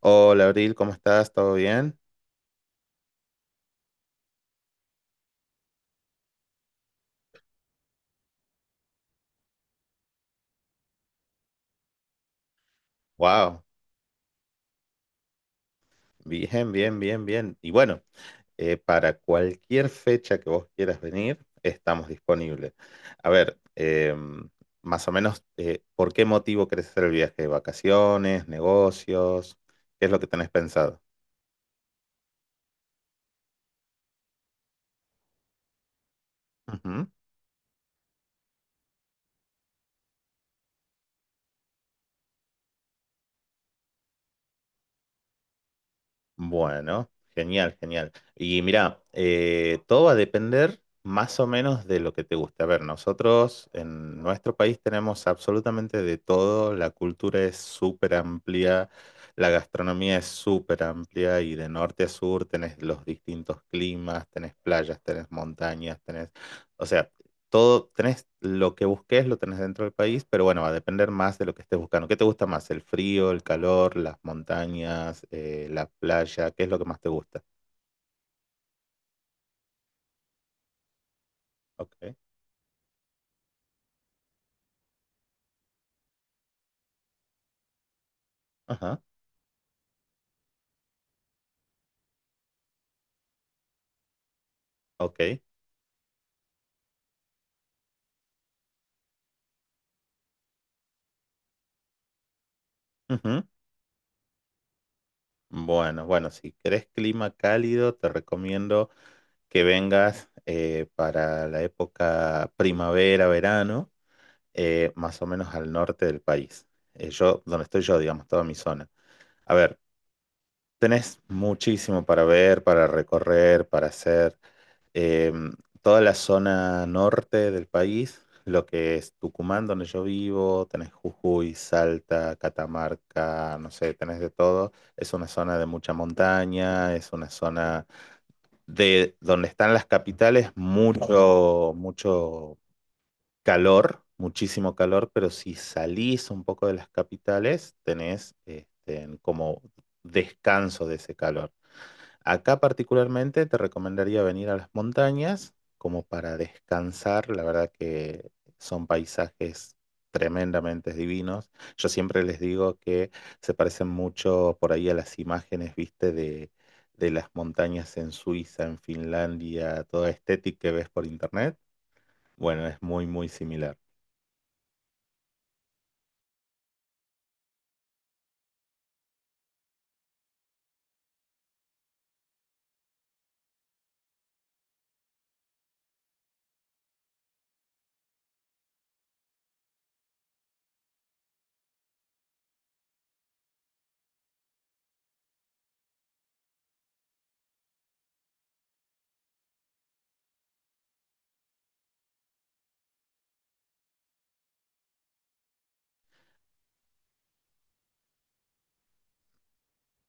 Hola Abril, ¿cómo estás? ¿Todo bien? Wow, bien. Y bueno, para cualquier fecha que vos quieras venir, estamos disponibles. A ver, más o menos, ¿por qué motivo querés hacer el viaje? ¿Vacaciones? ¿Negocios? ¿Qué es lo que tenés pensado? Bueno, genial. Y mira, todo va a depender más o menos de lo que te guste. A ver, nosotros en nuestro país tenemos absolutamente de todo, la cultura es súper amplia, la gastronomía es súper amplia y de norte a sur tenés los distintos climas, tenés playas, tenés montañas, O sea, todo, tenés lo que busques, lo tenés dentro del país, pero bueno, va a depender más de lo que estés buscando. ¿Qué te gusta más? ¿El frío, el calor, las montañas, la playa? ¿Qué es lo que más te gusta? Ok, ajá, ok. Ujú. Bueno, bueno, si querés clima cálido, te recomiendo que vengas para la época primavera, verano, más o menos al norte del país. Yo, donde estoy yo, digamos, toda mi zona. A ver, tenés muchísimo para ver, para recorrer, para hacer. eh, Toda la zona norte del país, lo que es Tucumán, donde yo vivo, tenés Jujuy, Salta, Catamarca, no sé, tenés de todo. Es una zona de mucha montaña, es una zona de donde están las capitales, mucho calor, muchísimo calor, pero si salís un poco de las capitales, tenés este, como descanso de ese calor. Acá particularmente te recomendaría venir a las montañas como para descansar. La verdad que son paisajes tremendamente divinos. Yo siempre les digo que se parecen mucho por ahí a las imágenes, viste, de las montañas en Suiza, en Finlandia, toda estética que ves por internet. Bueno, es muy similar.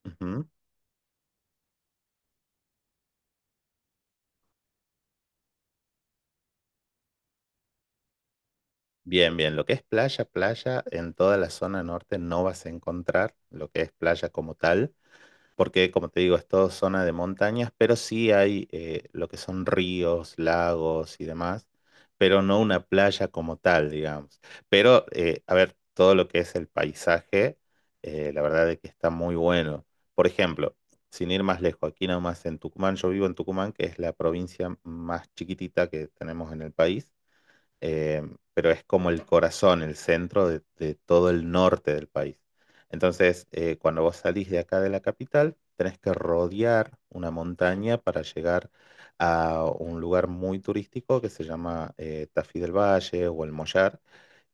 Ujú. Bien, bien, lo que es playa, playa, en toda la zona norte no vas a encontrar lo que es playa como tal, porque como te digo, es todo zona de montañas, pero sí hay lo que son ríos, lagos y demás, pero no una playa como tal, digamos. Pero, a ver, todo lo que es el paisaje, la verdad es que está muy bueno. Por ejemplo, sin ir más lejos, aquí nomás en Tucumán, yo vivo en Tucumán, que es la provincia más chiquitita que tenemos en el país, eh, pero es como el corazón, el centro de todo el norte del país. Entonces, cuando vos salís de acá de la capital, tenés que rodear una montaña para llegar a un lugar muy turístico que se llama Tafí del Valle o el Mollar,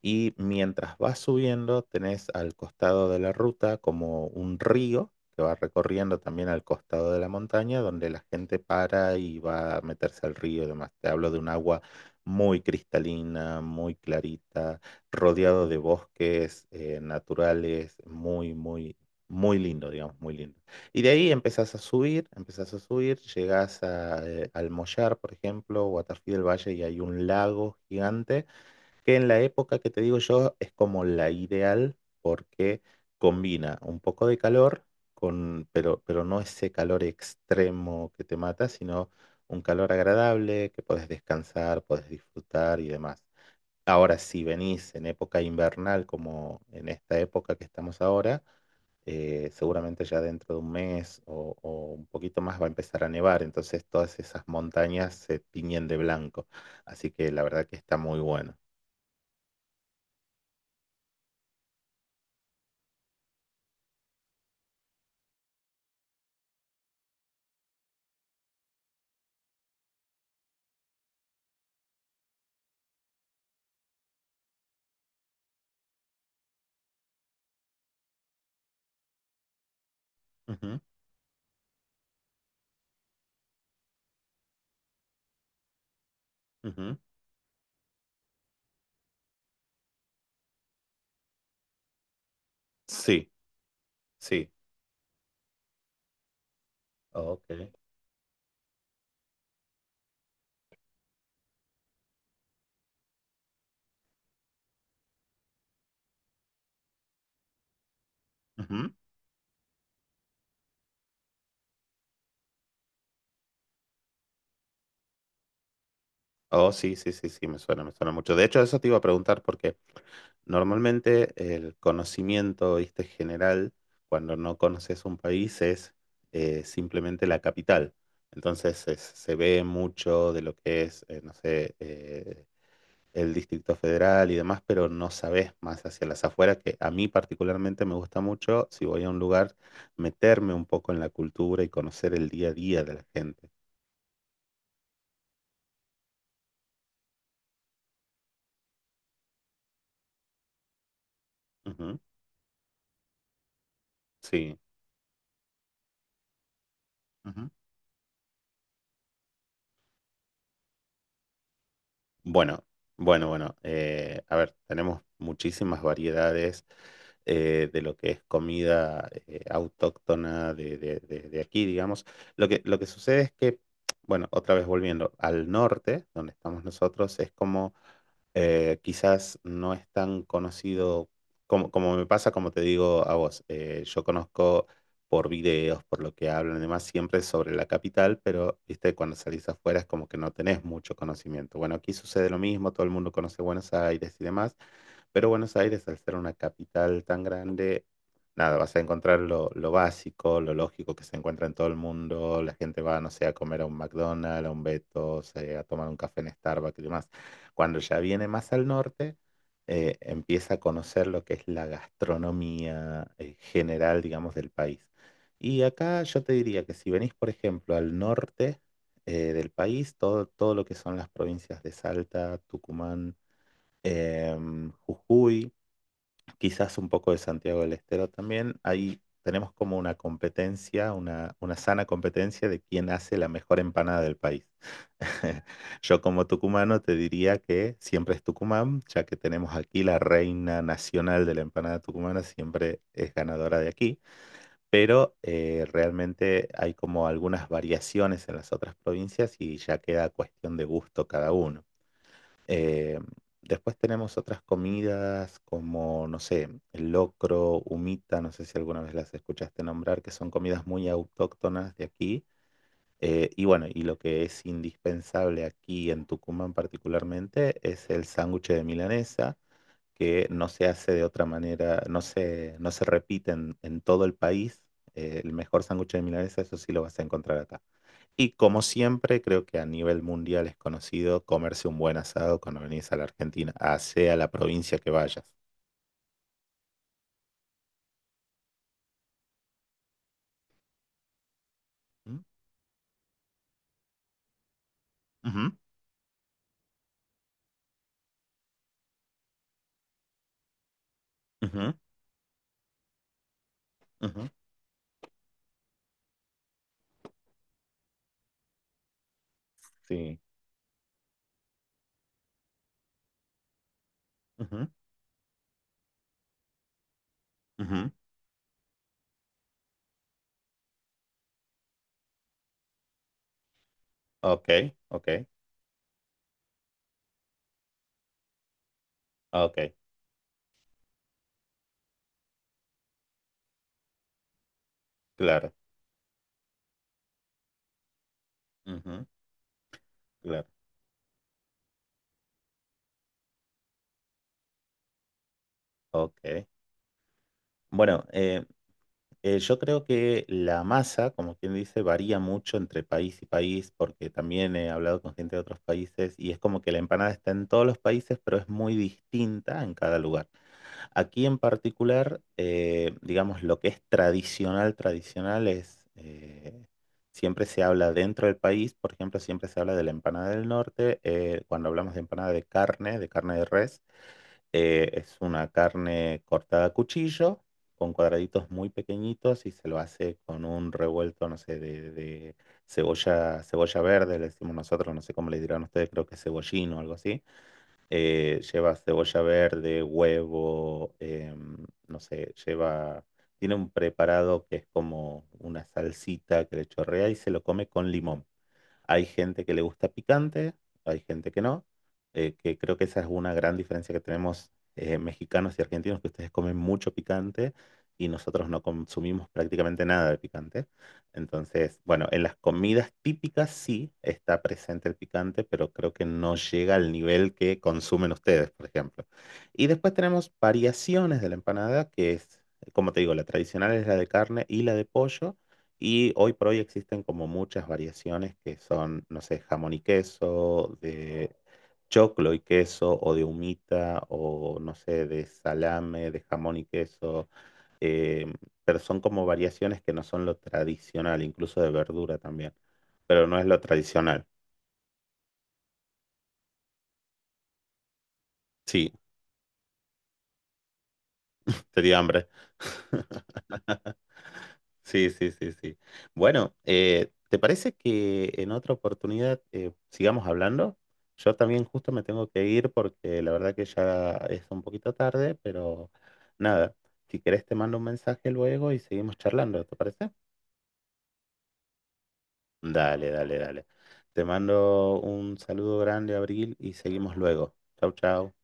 y mientras vas subiendo, tenés al costado de la ruta como un río que va recorriendo también al costado de la montaña, donde la gente para y va a meterse al río y demás. Te hablo de un agua muy cristalina, muy clarita, rodeado de bosques naturales, muy lindo, digamos, muy lindo. Y de ahí empezás a subir, llegás al Mollar, por ejemplo, o a Tafí del Valle y hay un lago gigante que en la época que te digo yo es como la ideal porque combina un poco de calor con, pero no ese calor extremo que te mata, sino un calor agradable que podés descansar, podés disfrutar y demás. Ahora, si venís en época invernal, como en esta época que estamos ahora, seguramente ya dentro de un mes o un poquito más va a empezar a nevar, entonces todas esas montañas se tiñen de blanco, así que la verdad que está muy bueno. Ujú. Ujú. Sí, sí. Ok. Ujú. Oh, sí, me suena mucho. De hecho, eso te iba a preguntar porque normalmente el conocimiento, viste, general, cuando no conoces un país es simplemente la capital. Entonces se ve mucho de lo que es, no sé, el Distrito Federal y demás, pero no sabes más hacia las afueras, que a mí particularmente me gusta mucho, si voy a un lugar, meterme un poco en la cultura y conocer el día a día de la gente. Ujú, sí. Ujú. Bueno, bueno. A ver, tenemos muchísimas variedades de lo que es comida autóctona de aquí, digamos. Lo que sucede es que, bueno, otra vez volviendo al norte, donde estamos nosotros, es como quizás no es tan conocido como me pasa, como te digo a vos. Yo conozco por videos, por lo que hablan y demás, siempre sobre la capital, pero viste, cuando salís afuera es como que no tenés mucho conocimiento. Bueno, aquí sucede lo mismo, todo el mundo conoce Buenos Aires y demás, pero Buenos Aires, al ser una capital tan grande, nada, vas a encontrar lo básico, lo lógico que se encuentra en todo el mundo, la gente va, no sé, a comer a un McDonald's, a un Betos, a tomar un café en Starbucks y demás. Cuando ya viene más al norte, empieza a conocer lo que es la gastronomía general, digamos, del país. Y acá yo te diría que si venís, por ejemplo, al norte del país, todo, todo lo que son las provincias de Salta, Tucumán, Jujuy, quizás un poco de Santiago del Estero también, ahí tenemos como una competencia, una sana competencia de quién hace la mejor empanada del país. Yo como tucumano te diría que siempre es Tucumán, ya que tenemos aquí la reina nacional de la empanada tucumana, siempre es ganadora de aquí, pero realmente hay como algunas variaciones en las otras provincias y ya queda cuestión de gusto cada uno. Eh, después tenemos otras comidas como, no sé, el locro, humita, no sé si alguna vez las escuchaste nombrar, que son comidas muy autóctonas de aquí. Y bueno, y lo que es indispensable aquí en Tucumán particularmente es el sándwich de milanesa, que no se hace de otra manera, no se repite en todo el país. El mejor sándwich de milanesa, eso sí lo vas a encontrar acá. Y como siempre, creo que a nivel mundial es conocido comerse un buen asado cuando venís a la Argentina, a sea la provincia que vayas. ¿Mm? Ujú, ujú, ujú, sí. Ujú, ujú. Ok, ok, ok, claro. Ujú, claro, ok. Bueno, yo creo que la masa, como quien dice, varía mucho entre país y país, porque también he hablado con gente de otros países y es como que la empanada está en todos los países, pero es muy distinta en cada lugar. Aquí en particular, digamos, lo que es tradicional, tradicional es, siempre se habla dentro del país, por ejemplo, siempre se habla de la empanada del norte, cuando hablamos de empanada de carne, de carne de res. Es una carne cortada a cuchillo, con cuadraditos muy pequeñitos y se lo hace con un revuelto, no sé, de cebolla, cebolla verde, le decimos nosotros, no sé cómo le dirán ustedes, creo que cebollín o algo así. Lleva cebolla verde, huevo, no sé, lleva... Tiene un preparado que es como una salsita que le chorrea y se lo come con limón. Hay gente que le gusta picante, hay gente que no, que creo que esa es una gran diferencia que tenemos, mexicanos y argentinos, que ustedes comen mucho picante y nosotros no consumimos prácticamente nada de picante. Entonces, bueno, en las comidas típicas sí está presente el picante, pero creo que no llega al nivel que consumen ustedes, por ejemplo. Y después tenemos variaciones de la empanada, que es, como te digo, la tradicional es la de carne y la de pollo. Y hoy por hoy existen como muchas variaciones que son, no sé, jamón y queso, de choclo y queso, o de humita, o no sé, de salame, de jamón y queso. eh, pero son como variaciones que no son lo tradicional, incluso de verdura también. Pero no es lo tradicional. Sí, te di hambre. Sí. Bueno, ¿te parece que en otra oportunidad sigamos hablando? Yo también justo me tengo que ir porque la verdad que ya es un poquito tarde, pero nada, si querés te mando un mensaje luego y seguimos charlando, ¿te parece? Dale. Te mando un saludo grande, Abril, y seguimos luego. Chau, chau.